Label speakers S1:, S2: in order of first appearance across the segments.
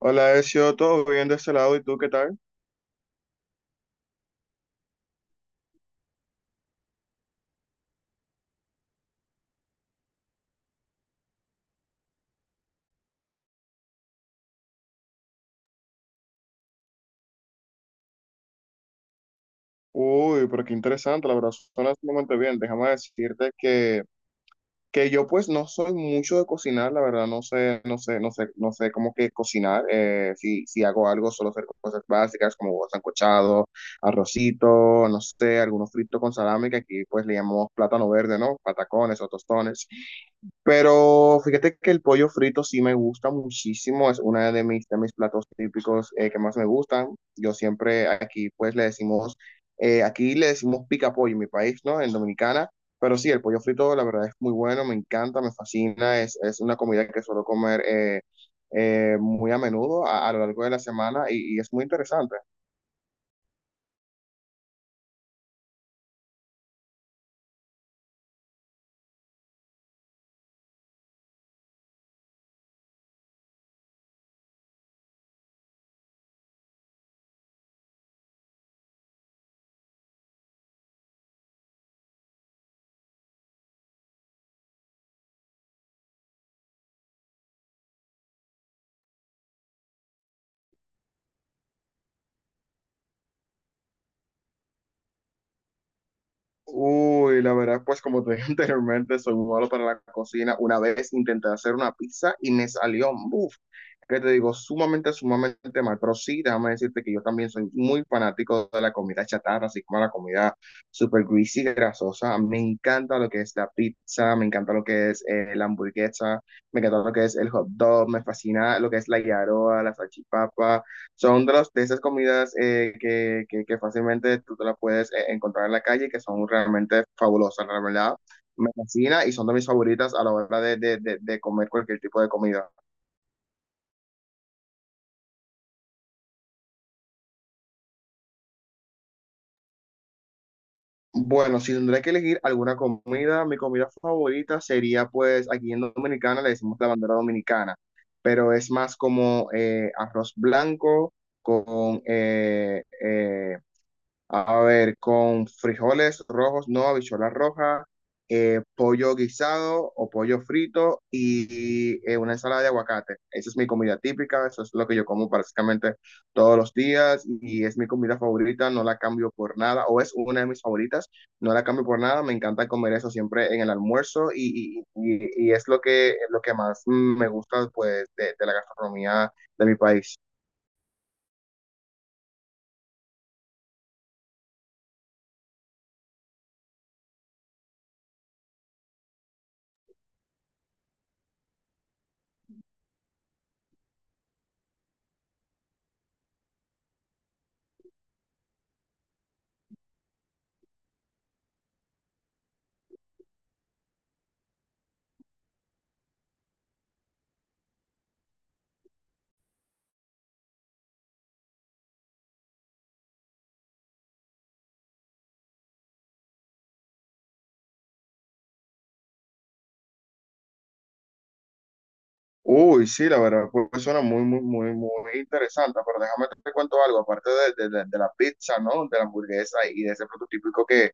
S1: Hola, Ezio, todo bien de ese lado, ¿y tú qué tal? Uy, pero qué interesante, la verdad, suena sumamente bien. Déjame decirte que yo pues no soy mucho de cocinar, la verdad, no sé cómo que cocinar. Si hago algo, solo hacer cosas básicas como huevos arrocito, no sé, algunos fritos con salami, que aquí pues le llamamos plátano verde, ¿no? Patacones o tostones. Pero fíjate que el pollo frito sí me gusta muchísimo, es una de mis platos típicos que más me gustan. Yo siempre aquí pues le decimos, aquí le decimos pica pollo en mi país, ¿no? En Dominicana. Pero sí, el pollo frito la verdad es muy bueno, me encanta, me fascina, es una comida que suelo comer muy a menudo a lo largo de la semana y es muy interesante. Uy, la verdad, pues como te dije anteriormente, soy muy malo para la cocina. Una vez intenté hacer una pizza y me salió, uff, que te digo, sumamente, sumamente mal. Pero sí, déjame decirte que yo también soy muy fanático de la comida chatarra, así como la comida super greasy, grasosa. Me encanta lo que es la pizza, me encanta lo que es la hamburguesa, me encanta lo que es el hot dog, me fascina lo que es la yaroa, la salchipapa. Los de esas comidas que fácilmente tú te las puedes encontrar en la calle y que son realmente fabulosas, la verdad. Me fascina y son de mis favoritas a la hora de comer cualquier tipo de comida. Bueno, si tendré que elegir alguna comida, mi comida favorita sería pues aquí en Dominicana le decimos la bandera dominicana, pero es más como arroz blanco con a ver, con frijoles rojos, no, habichuela roja, pollo guisado o pollo frito y una ensalada de aguacate. Esa es mi comida típica, eso es lo que yo como prácticamente todos los días y es mi comida favorita, no la cambio por nada, o es una de mis favoritas, no la cambio por nada, me encanta comer eso siempre en el almuerzo y es lo que más me gusta pues, de la gastronomía de mi país. Uy, sí, la verdad, pues suena muy, muy, muy, muy interesante, pero déjame te cuento algo, aparte de la pizza, ¿no? De la hamburguesa y de ese plato típico que,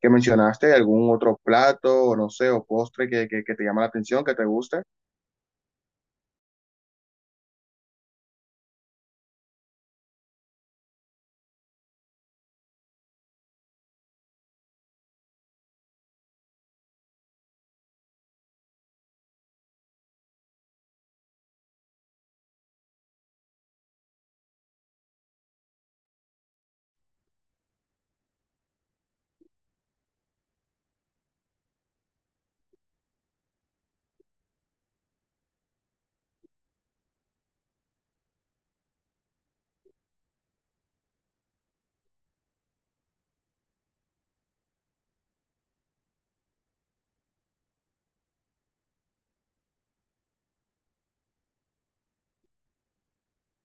S1: que mencionaste, ¿algún otro plato, o no sé, o postre que te llama la atención, que te guste?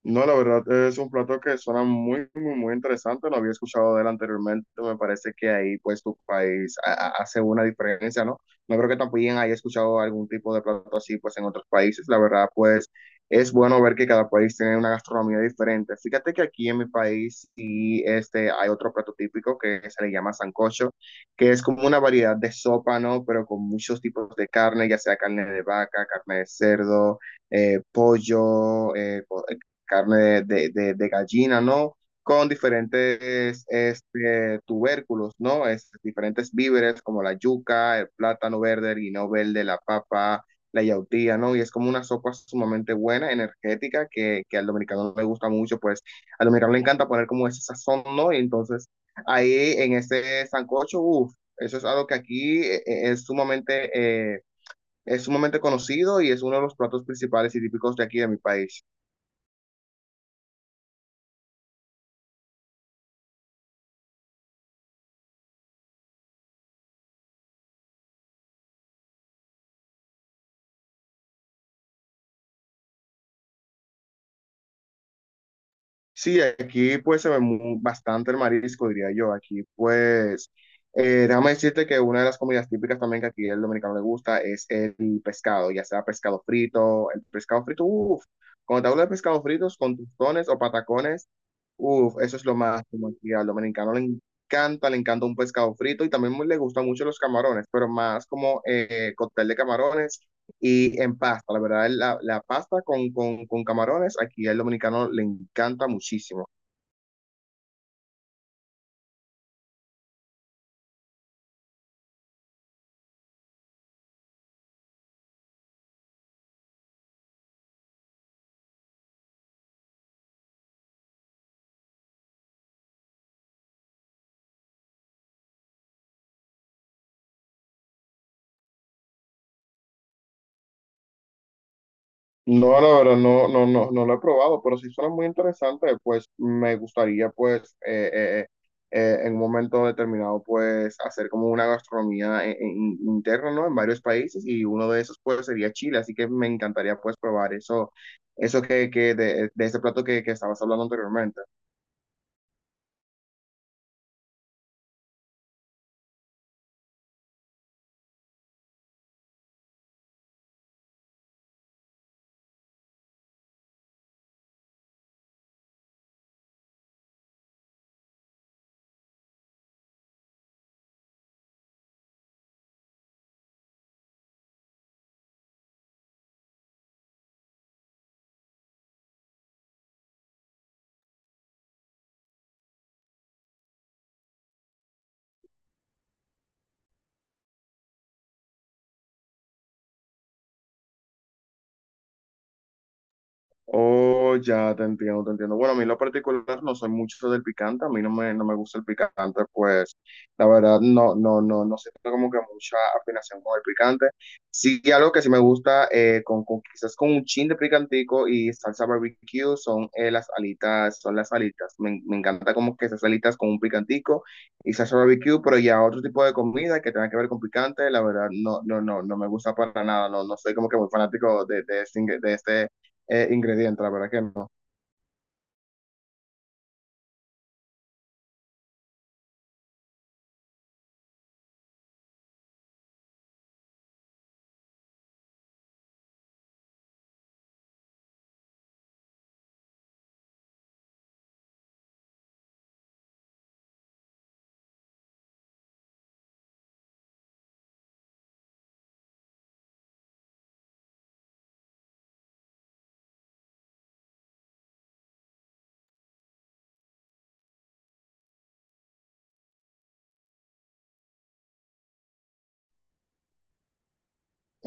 S1: No, la verdad es un plato que suena muy, muy, muy interesante. Lo había escuchado de él anteriormente. Me parece que ahí, pues, tu país hace una diferencia, ¿no? No creo que también haya escuchado algún tipo de plato así, pues, en otros países. La verdad, pues, es bueno ver que cada país tiene una gastronomía diferente. Fíjate que aquí en mi país sí, este, hay otro plato típico que se le llama sancocho, que es como una variedad de sopa, ¿no? Pero con muchos tipos de carne, ya sea carne de vaca, carne de cerdo pollo, carne de gallina, ¿no? Con diferentes este, tubérculos, ¿no? Diferentes víveres como la yuca, el plátano verde, el guineo verde, la papa, la yautía, ¿no? Y es como una sopa sumamente buena, energética, que al dominicano le gusta mucho, pues al dominicano le encanta poner como ese sazón, ¿no? Y entonces ahí en ese sancocho, uff, eso es algo que aquí eh, es sumamente conocido y es uno de los platos principales y típicos de aquí de mi país. Sí, aquí pues se ve bastante el marisco, diría yo. Aquí pues, déjame decirte que una de las comidas típicas también que aquí el dominicano le gusta es el pescado, ya sea pescado frito, el pescado frito, uff, cuando te hablo de pescado fritos con tostones o patacones, uff, eso es lo más, como aquí al dominicano le encanta un pescado frito y también le gustan mucho los camarones, pero más como cóctel de camarones y en pasta, la verdad, la pasta con camarones, aquí al dominicano le encanta muchísimo. No, la verdad, no, no, no, no lo he probado, pero sí suena muy interesante, pues me gustaría, pues, en un momento determinado, pues, hacer como una gastronomía interna, ¿no? En varios países y uno de esos, pues, sería Chile, así que me encantaría, pues, probar eso, que de ese plato que estabas hablando anteriormente. Oh, ya te entiendo, te entiendo. Bueno, a mí en lo particular no soy mucho del picante, a mí no me gusta el picante, pues la verdad no, no, no, no siento como que mucha afinación con el picante. Sí, algo que sí me gusta, quizás con un chin de picantico y salsa barbecue, son las alitas, son las alitas. Me encanta como que esas alitas con un picantico y salsa barbecue, pero ya otro tipo de comida que tenga que ver con picante, la verdad no, no, no, no me gusta para nada, no, no soy como que muy fanático de este ingredientes, la verdad que no.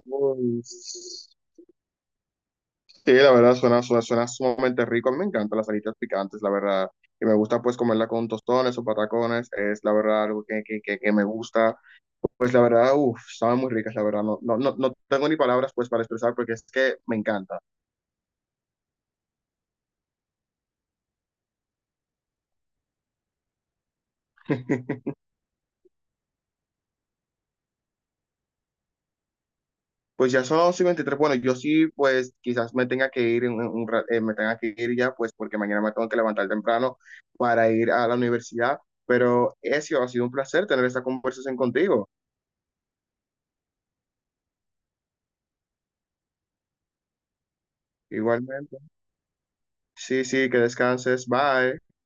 S1: Uy, sí, la verdad suena sumamente rico. A mí me encantan las alitas picantes, la verdad. Y me gusta pues comerla con tostones o patacones. Es la verdad algo que me gusta. Pues la verdad, uff, saben muy ricas, la verdad. No, no, no, no tengo ni palabras pues para expresar porque es que me encanta. Pues ya son las 11:23. Bueno, yo sí pues quizás me tenga que ir, en un ra- me tenga que ir ya pues porque mañana me tengo que levantar temprano para ir a la universidad. Pero eso ha sido un placer tener esta conversación contigo. Igualmente. Sí, sí, que descanses. Bye.